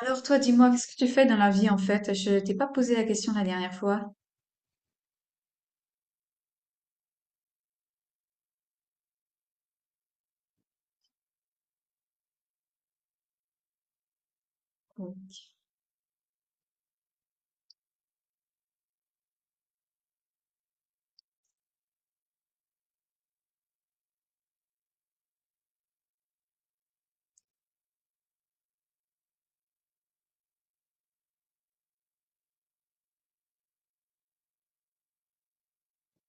Alors toi, dis-moi, qu'est-ce que tu fais dans la vie en fait? Je t'ai pas posé la question la dernière fois. Mm.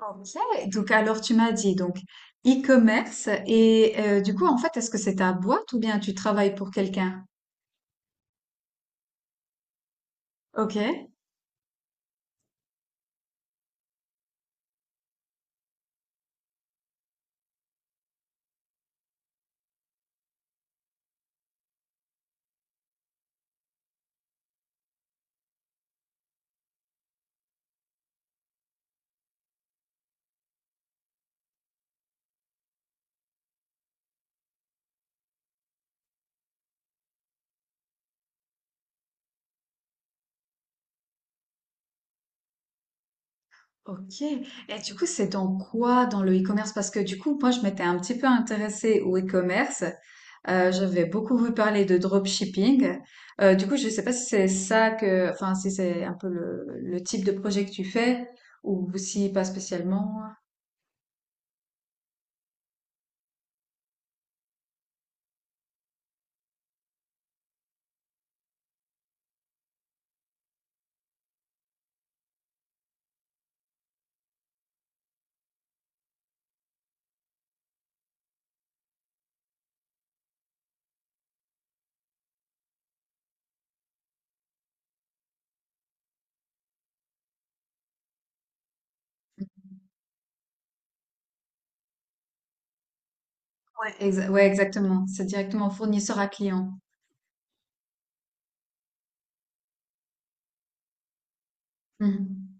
Ok. Donc alors tu m'as dit donc e-commerce et du coup en fait est-ce que c'est ta boîte ou bien tu travailles pour quelqu'un? Ok. Ok. Et du coup c'est dans quoi dans le e-commerce? Parce que du coup moi je m'étais un petit peu intéressée au e-commerce. J'avais beaucoup vu parler de dropshipping. Du coup je ne sais pas si c'est ça que, enfin si c'est un peu le type de projet que tu fais ou si pas spécialement. Ouais, ouais, exactement. C'est directement fournisseur à client. Mhm.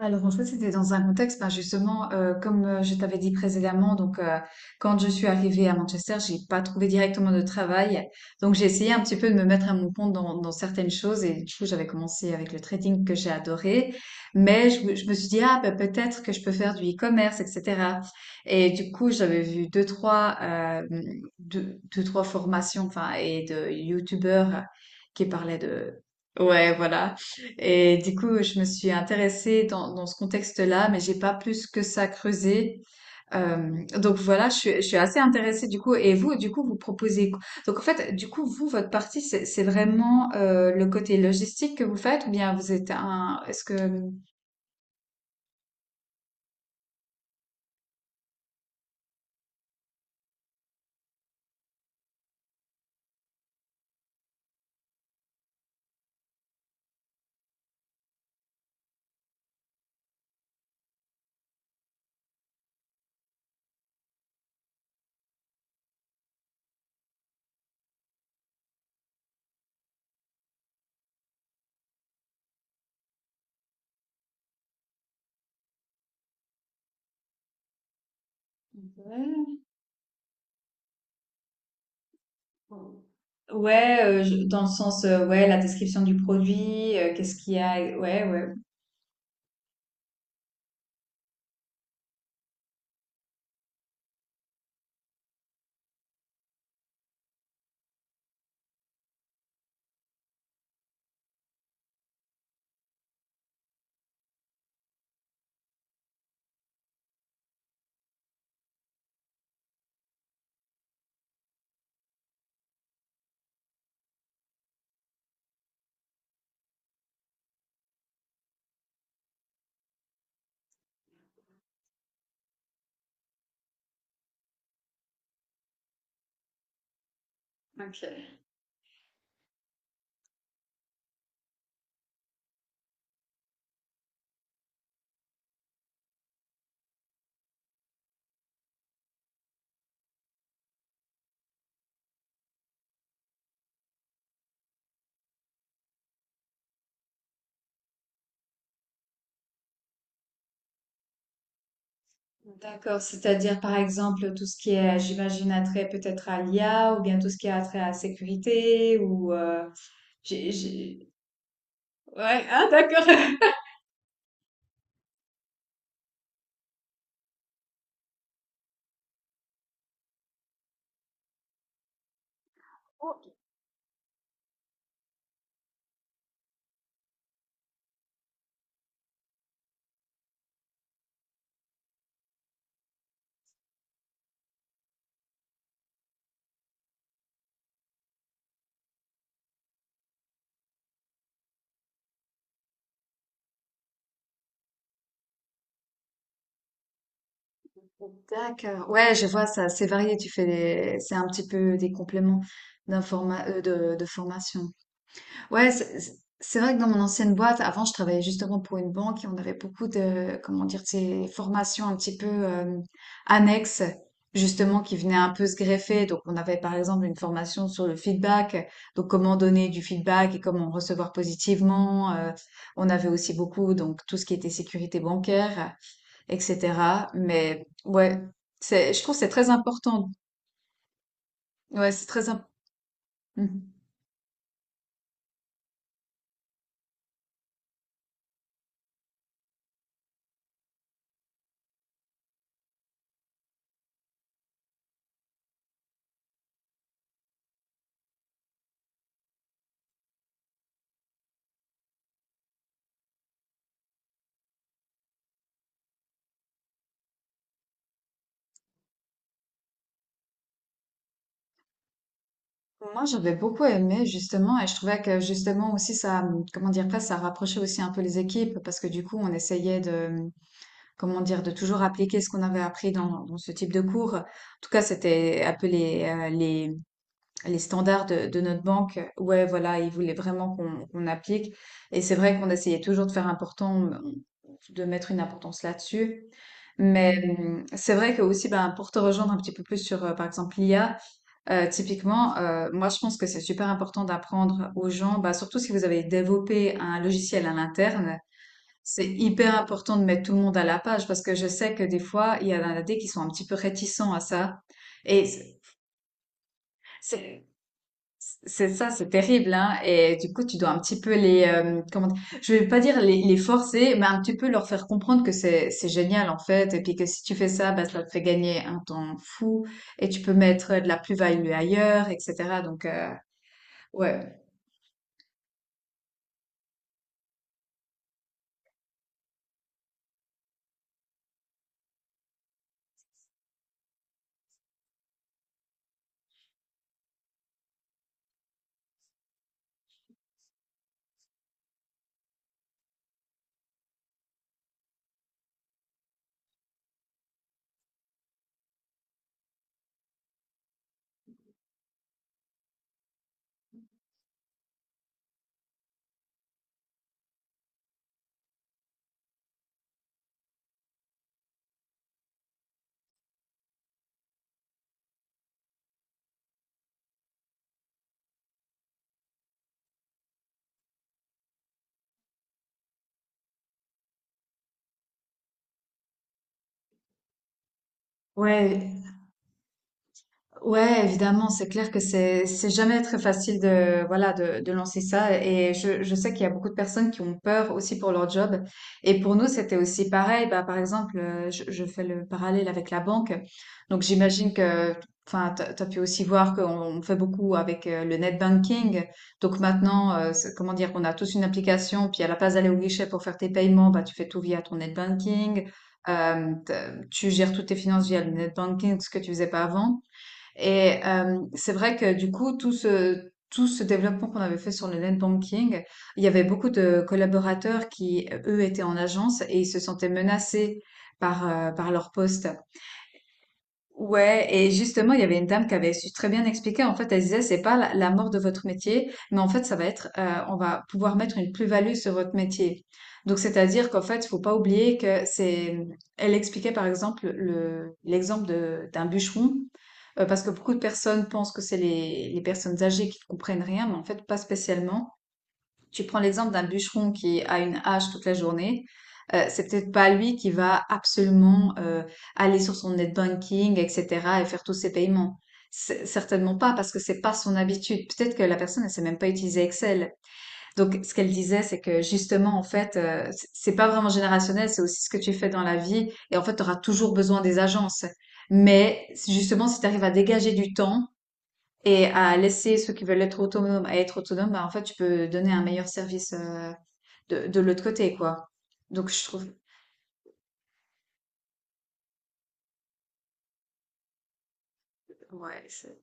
Alors en fait, c'était dans un contexte, ben, justement, comme, je t'avais dit précédemment, donc, quand je suis arrivée à Manchester, j'ai pas trouvé directement de travail. Donc j'ai essayé un petit peu de me mettre à mon compte dans certaines choses et du coup, j'avais commencé avec le trading que j'ai adoré. Mais je me suis dit: «Ah, bah, peut-être que je peux faire du e-commerce et cetera», et du coup, j'avais vu deux trois 2-2-3 formations, enfin et de youtubeurs qui parlaient de, ouais, voilà. Et du coup, je me suis intéressée dans ce contexte-là, mais j'ai pas plus que ça creusé. Donc voilà, je suis assez intéressée du coup. Et vous, du coup, vous proposez quoi? Donc en fait, du coup, vous, votre partie, c'est vraiment le côté logistique que vous faites, ou bien vous êtes un... Est-ce que... Ouais. Ouais, dans le sens, ouais, la description du produit, qu'est-ce qu'il y a, ouais, ouais. Ok. D'accord, c'est-à-dire par exemple tout ce qui est, j'imagine, attrait peut-être à l'IA, ou bien tout ce qui est attrait à la sécurité ou... j'ai, j'ai- Ouais, ah d'accord. D'accord. Ouais, je vois ça. C'est varié. Tu fais des... c'est un petit peu des compléments d'informa... de formation. Ouais, c'est vrai que dans mon ancienne boîte, avant, je travaillais justement pour une banque et on avait beaucoup de, comment dire, de ces formations un petit peu annexes, justement, qui venaient un peu se greffer. Donc, on avait par exemple une formation sur le feedback, donc comment donner du feedback et comment recevoir positivement. On avait aussi beaucoup, donc, tout ce qui était sécurité bancaire, etc. Mais ouais, c'est, je trouve que c'est très important. Ouais, c'est très important. Moi, j'avais beaucoup aimé justement, et je trouvais que justement aussi ça, comment dire, presque ça rapprochait aussi un peu les équipes parce que du coup, on essayait de, comment dire, de toujours appliquer ce qu'on avait appris dans ce type de cours. En tout cas, c'était un peu les standards de notre banque. Ouais, voilà, ils voulaient vraiment qu'on applique. Et c'est vrai qu'on essayait toujours de faire important, de mettre une importance là-dessus. Mais c'est vrai que aussi, ben, pour te rejoindre un petit peu plus sur, par exemple, l'IA. Typiquement, moi je pense que c'est super important d'apprendre aux gens, bah, surtout si vous avez développé un logiciel à l'interne, c'est hyper important de mettre tout le monde à la page parce que je sais que des fois, il y en a des qui sont un petit peu réticents à ça. Et c'est- c'est ça, c'est terrible, hein. Et du coup, tu dois un petit peu les, comment dire, je vais pas dire les forcer, mais un petit peu leur faire comprendre que c'est génial en fait, et puis que si tu fais ça, bah, ça te fait gagner un temps fou et tu peux mettre de la plus-value ailleurs, etc. Donc Ouais, Ouais, Ouais, évidemment, c'est clair que c'est jamais très facile de voilà de lancer ça et je sais qu'il y a beaucoup de personnes qui ont peur aussi pour leur job et pour nous c'était aussi pareil, bah par exemple je fais le parallèle avec la banque donc j'imagine que, enfin t'as pu aussi voir qu'on on fait beaucoup avec le net banking, donc maintenant c'est, comment dire, on a tous une application puis à la place d'aller au guichet pour faire tes paiements bah tu fais tout via ton net banking, tu gères toutes tes finances via le net banking, ce que tu faisais pas avant, et c'est vrai que du coup, tout ce développement qu'on avait fait sur le net banking, il y avait beaucoup de collaborateurs qui, eux, étaient en agence et ils se sentaient menacés par, par leur poste. Ouais, et justement, il y avait une dame qui avait su très bien expliquer. En fait, elle disait, c'est pas la mort de votre métier, mais en fait, ça va être, on va pouvoir mettre une plus-value sur votre métier. Donc, c'est-à-dire qu'en fait, faut pas oublier que c'est, elle expliquait par exemple l'exemple de, d'un bûcheron, parce que beaucoup de personnes pensent que c'est les personnes âgées qui comprennent rien, mais en fait, pas spécialement. Tu prends l'exemple d'un bûcheron qui a une hache toute la journée, c'est peut-être pas lui qui va absolument aller sur son net banking, etc., et faire tous ses paiements. Certainement pas, parce que c'est pas son habitude. Peut-être que la personne ne sait même pas utiliser Excel. Donc, ce qu'elle disait, c'est que justement, en fait, c'est pas vraiment générationnel, c'est aussi ce que tu fais dans la vie, et en fait, tu auras toujours besoin des agences. Mais c'est justement, si tu arrives à dégager du temps et à laisser ceux qui veulent être autonomes à être autonomes, bah, en fait, tu peux donner un meilleur service de l'autre côté, quoi. Donc, je trouve, ouais, c'est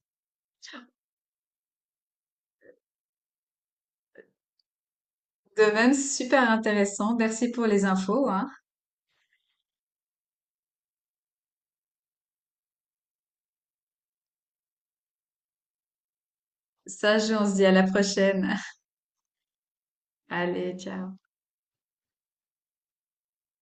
de même super intéressant. Merci pour les infos, hein. Ça, on se dit à la prochaine. Allez, ciao.